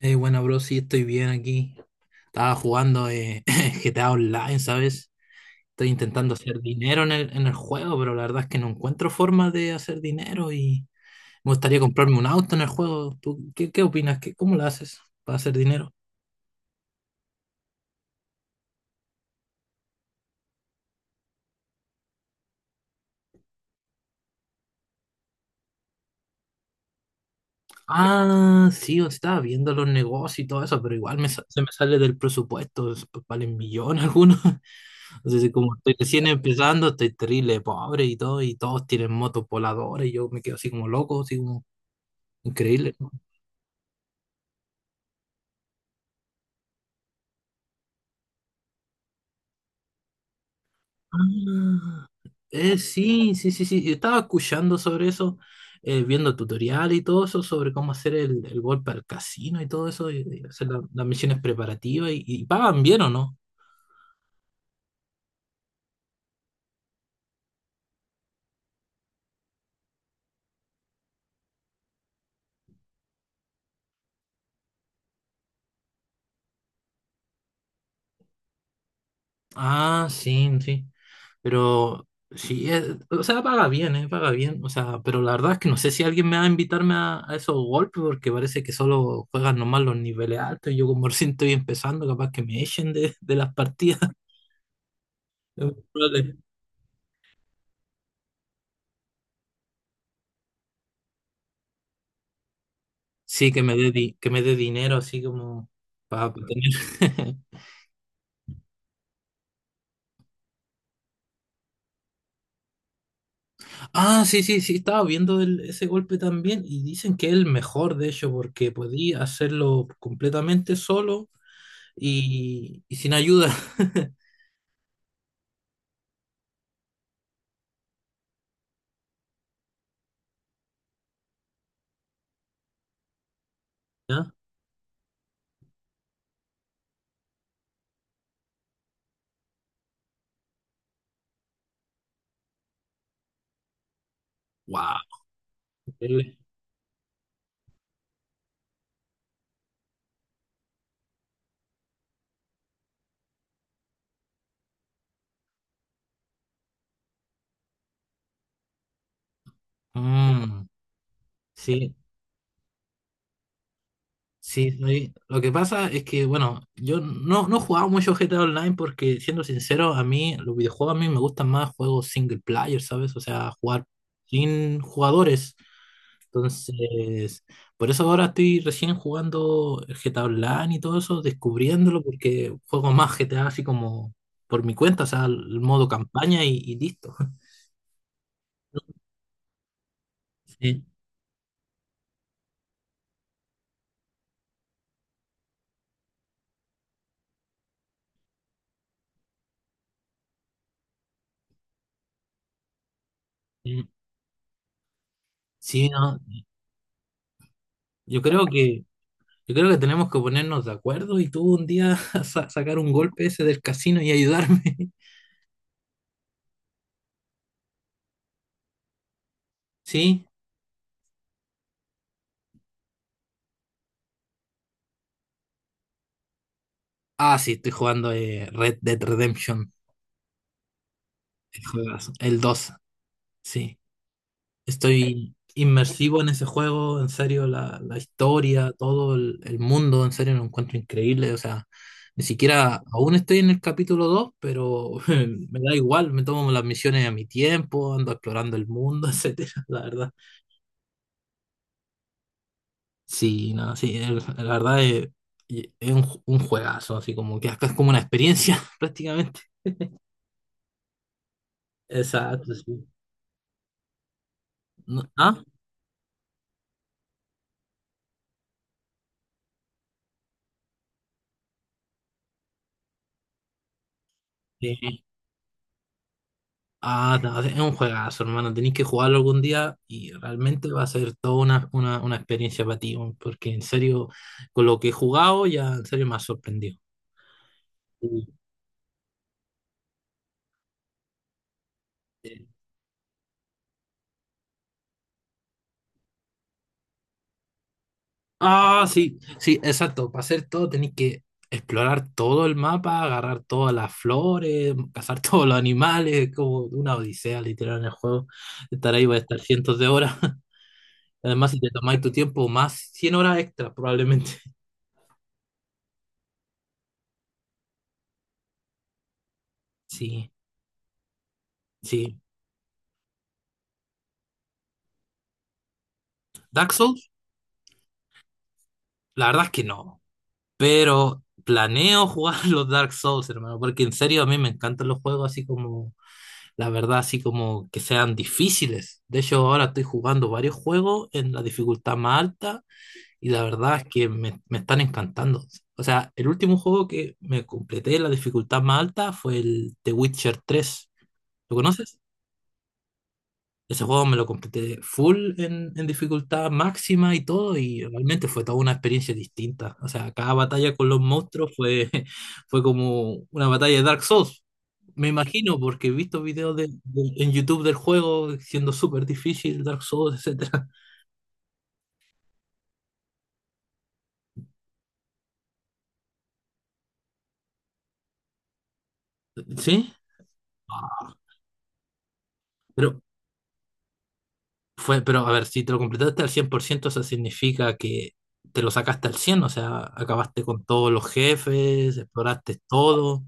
Bueno, bro, sí, estoy bien aquí. Estaba jugando GTA Online, ¿sabes? Estoy intentando hacer dinero en el juego, pero la verdad es que no encuentro forma de hacer dinero y me gustaría comprarme un auto en el juego. ¿Tú qué opinas? ¿Qué, cómo lo haces para hacer dinero? Ah, sí, o estaba viendo los negocios y todo eso, pero igual se me sale del presupuesto, valen millones algunos. Entonces, como estoy recién empezando, estoy terrible, pobre y todo, y todos tienen motos voladoras y yo me quedo así como loco, así como increíble. Ah, sí, sí. Yo estaba escuchando sobre eso, viendo tutorial y todo eso, sobre cómo hacer el golpe al casino y todo eso, y hacer las misiones preparativas y pagan bien o no. Ah, sí, sí. Pero sí, o sea, paga bien, paga bien. O sea, pero la verdad es que no sé si alguien me va a invitarme a esos golpes porque parece que solo juegan nomás los niveles altos. Y yo como recién estoy empezando, capaz que me echen de las partidas. Sí, que me dé que me dé dinero así como para tener. Ah, sí, sí, sí, estaba viendo ese golpe también y dicen que es el mejor, de hecho, porque podía hacerlo completamente solo y sin ayuda. ¿Ya? ¡Wow! Increíble. Mm, sí, sí, sí. Lo que pasa es que, bueno, yo no he jugado mucho GTA Online porque, siendo sincero, a mí, los videojuegos a mí me gustan más juegos single player, ¿sabes? O sea, jugar sin jugadores. Entonces, por eso ahora estoy recién jugando el GTA Online y todo eso, descubriéndolo, porque juego más GTA así como por mi cuenta, o sea, el modo campaña y listo. Sí, sí. Sí, no, yo creo que, yo creo que tenemos que ponernos de acuerdo y tú un día sacar un golpe ese del casino y ayudarme. ¿Sí? Ah, sí, estoy jugando Red Dead Redemption, el juegazo, el 2, sí. Estoy inmersivo en ese juego, en serio, la historia, todo el mundo, en serio, lo encuentro increíble. O sea, ni siquiera aún estoy en el capítulo dos, pero me da igual, me tomo las misiones a mi tiempo, ando explorando el mundo, etcétera, la verdad. Sí, no, sí, la verdad es un juegazo, así como que acá es como una experiencia prácticamente. Exacto, sí. ¿Ah? Sí. Ah, no, es un juegazo, hermano. Tenéis que jugarlo algún día y realmente va a ser toda una experiencia para ti, weón, porque en serio, con lo que he jugado, ya en serio me ha sorprendido. Y, eh, Ah, sí, sí, exacto. Para hacer todo tenéis que explorar todo el mapa, agarrar todas las flores, cazar todos los animales, es como una odisea literal en el juego. Estar ahí va a estar cientos de horas. Además, si te tomáis tu tiempo, más 100 horas extra probablemente. Sí, sí. Dark Souls, la verdad es que no. Pero planeo jugar los Dark Souls, hermano, porque en serio a mí me encantan los juegos así como, la verdad, así como que sean difíciles. De hecho, ahora estoy jugando varios juegos en la dificultad más alta y la verdad es que me están encantando. O sea, el último juego que me completé en la dificultad más alta fue el The Witcher tres. ¿Lo conoces? Ese juego me lo completé full en dificultad máxima y todo, y realmente fue toda una experiencia distinta. O sea, cada batalla con los monstruos fue, fue como una batalla de Dark Souls. Me imagino, porque he visto videos en YouTube del juego siendo súper difícil, Dark Souls, etcétera. ¿Sí? Pero, fue, pero a ver, si te lo completaste al 100%, eso significa que te lo sacaste al cien, o sea, acabaste con todos los jefes, exploraste todo.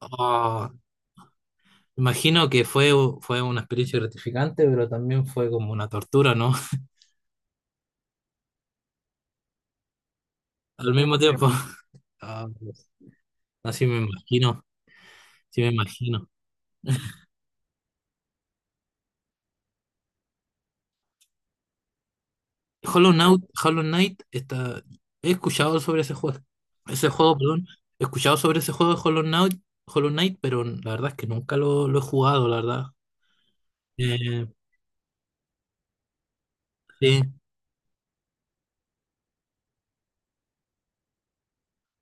Ah. Imagino que fue, fue una experiencia gratificante, pero también fue como una tortura, ¿no? Al mismo, sí, tiempo. Ah, pues, así me imagino, sí me imagino. Hollow Knight, Hollow Knight está... He escuchado sobre ese juego, perdón. He escuchado sobre ese juego de Hollow Knight, Hollow Knight, pero la verdad es que nunca lo he jugado, la verdad. Eh, sí,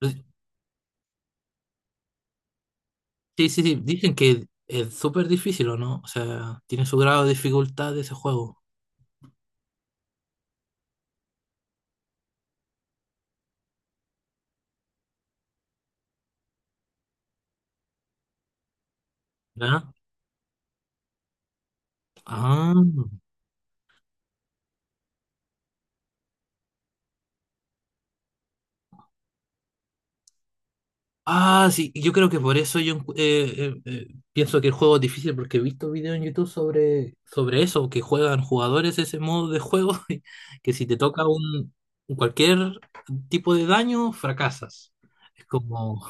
sí, sí, Dicen que es súper difícil, ¿o no? O sea, tiene su grado de dificultad ese juego, ¿verdad? Ah. Ah, sí, y yo creo que por eso yo pienso que el juego es difícil, porque he visto videos en YouTube sobre eso, que juegan jugadores ese modo de juego, y que si te toca un cualquier tipo de daño, fracasas. Es como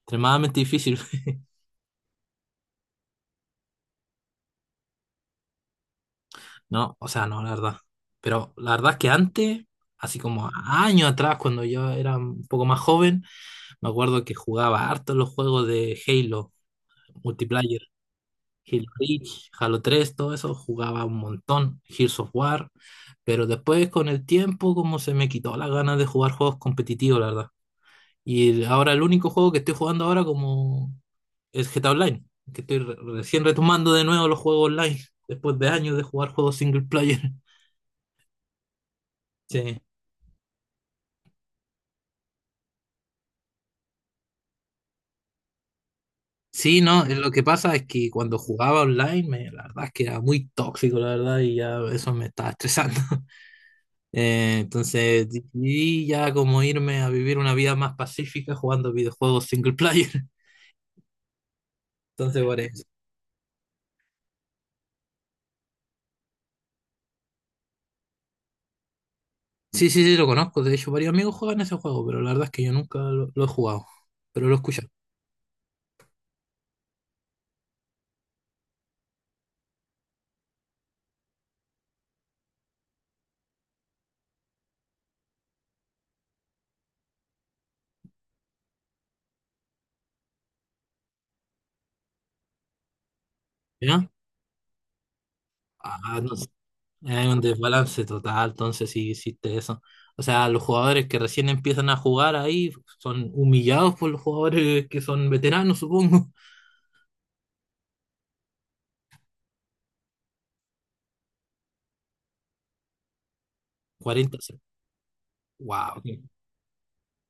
extremadamente difícil. No, o sea, no, la verdad. Pero la verdad es que antes, así como años atrás, cuando yo era un poco más joven, me acuerdo que jugaba harto los juegos de Halo multiplayer. Halo Reach, Halo 3, todo eso jugaba un montón, Gears of War, pero después con el tiempo como se me quitó las ganas de jugar juegos competitivos, la verdad. Y ahora el único juego que estoy jugando ahora como es GTA Online, que estoy recién retomando de nuevo los juegos online, después de años de jugar juegos single player. Sí. Sí, no, lo que pasa es que cuando jugaba online, la verdad es que era muy tóxico, la verdad, y ya eso me estaba estresando. Entonces decidí ya como irme a vivir una vida más pacífica jugando videojuegos single player. Entonces por eso. Sí, sí, sí, lo conozco. De hecho, varios amigos juegan ese juego, pero la verdad es que yo nunca lo he jugado. Pero lo he escuchado. ¿Ya? Ah, no sé. Hay un desbalance total, entonces sí existe eso. O sea, los jugadores que recién empiezan a jugar ahí son humillados por los jugadores que son veteranos, supongo. Cuarenta, wow. ¿Qué,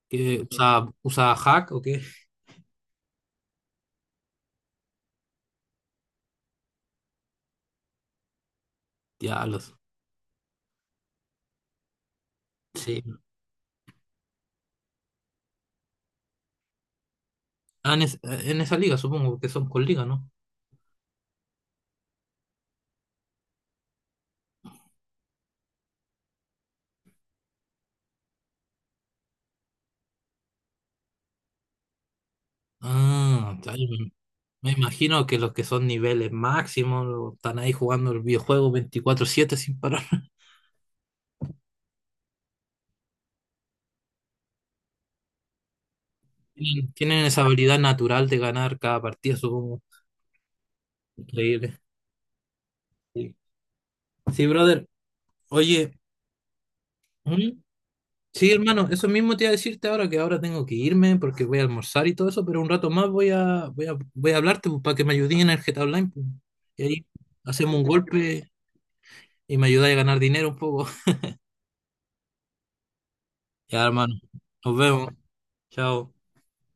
usa hack o qué? Diablos. Sí. Ah, en esa liga, supongo que son con liga, ¿no? Ah, está bien. Me imagino que los que son niveles máximos están ahí jugando el videojuego 24/7 sin parar. Tienen, tienen esa habilidad natural de ganar cada partida, supongo. Increíble. Sí. Sí, brother. Oye, ¿mm? Sí, hermano, eso mismo te iba a decirte ahora que ahora tengo que irme porque voy a almorzar y todo eso, pero un rato más voy a hablarte pues, para que me ayudes en el GTA Online pues. Y ahí hacemos un golpe y me ayudas a ganar dinero un poco. Ya, hermano, nos vemos. Chao.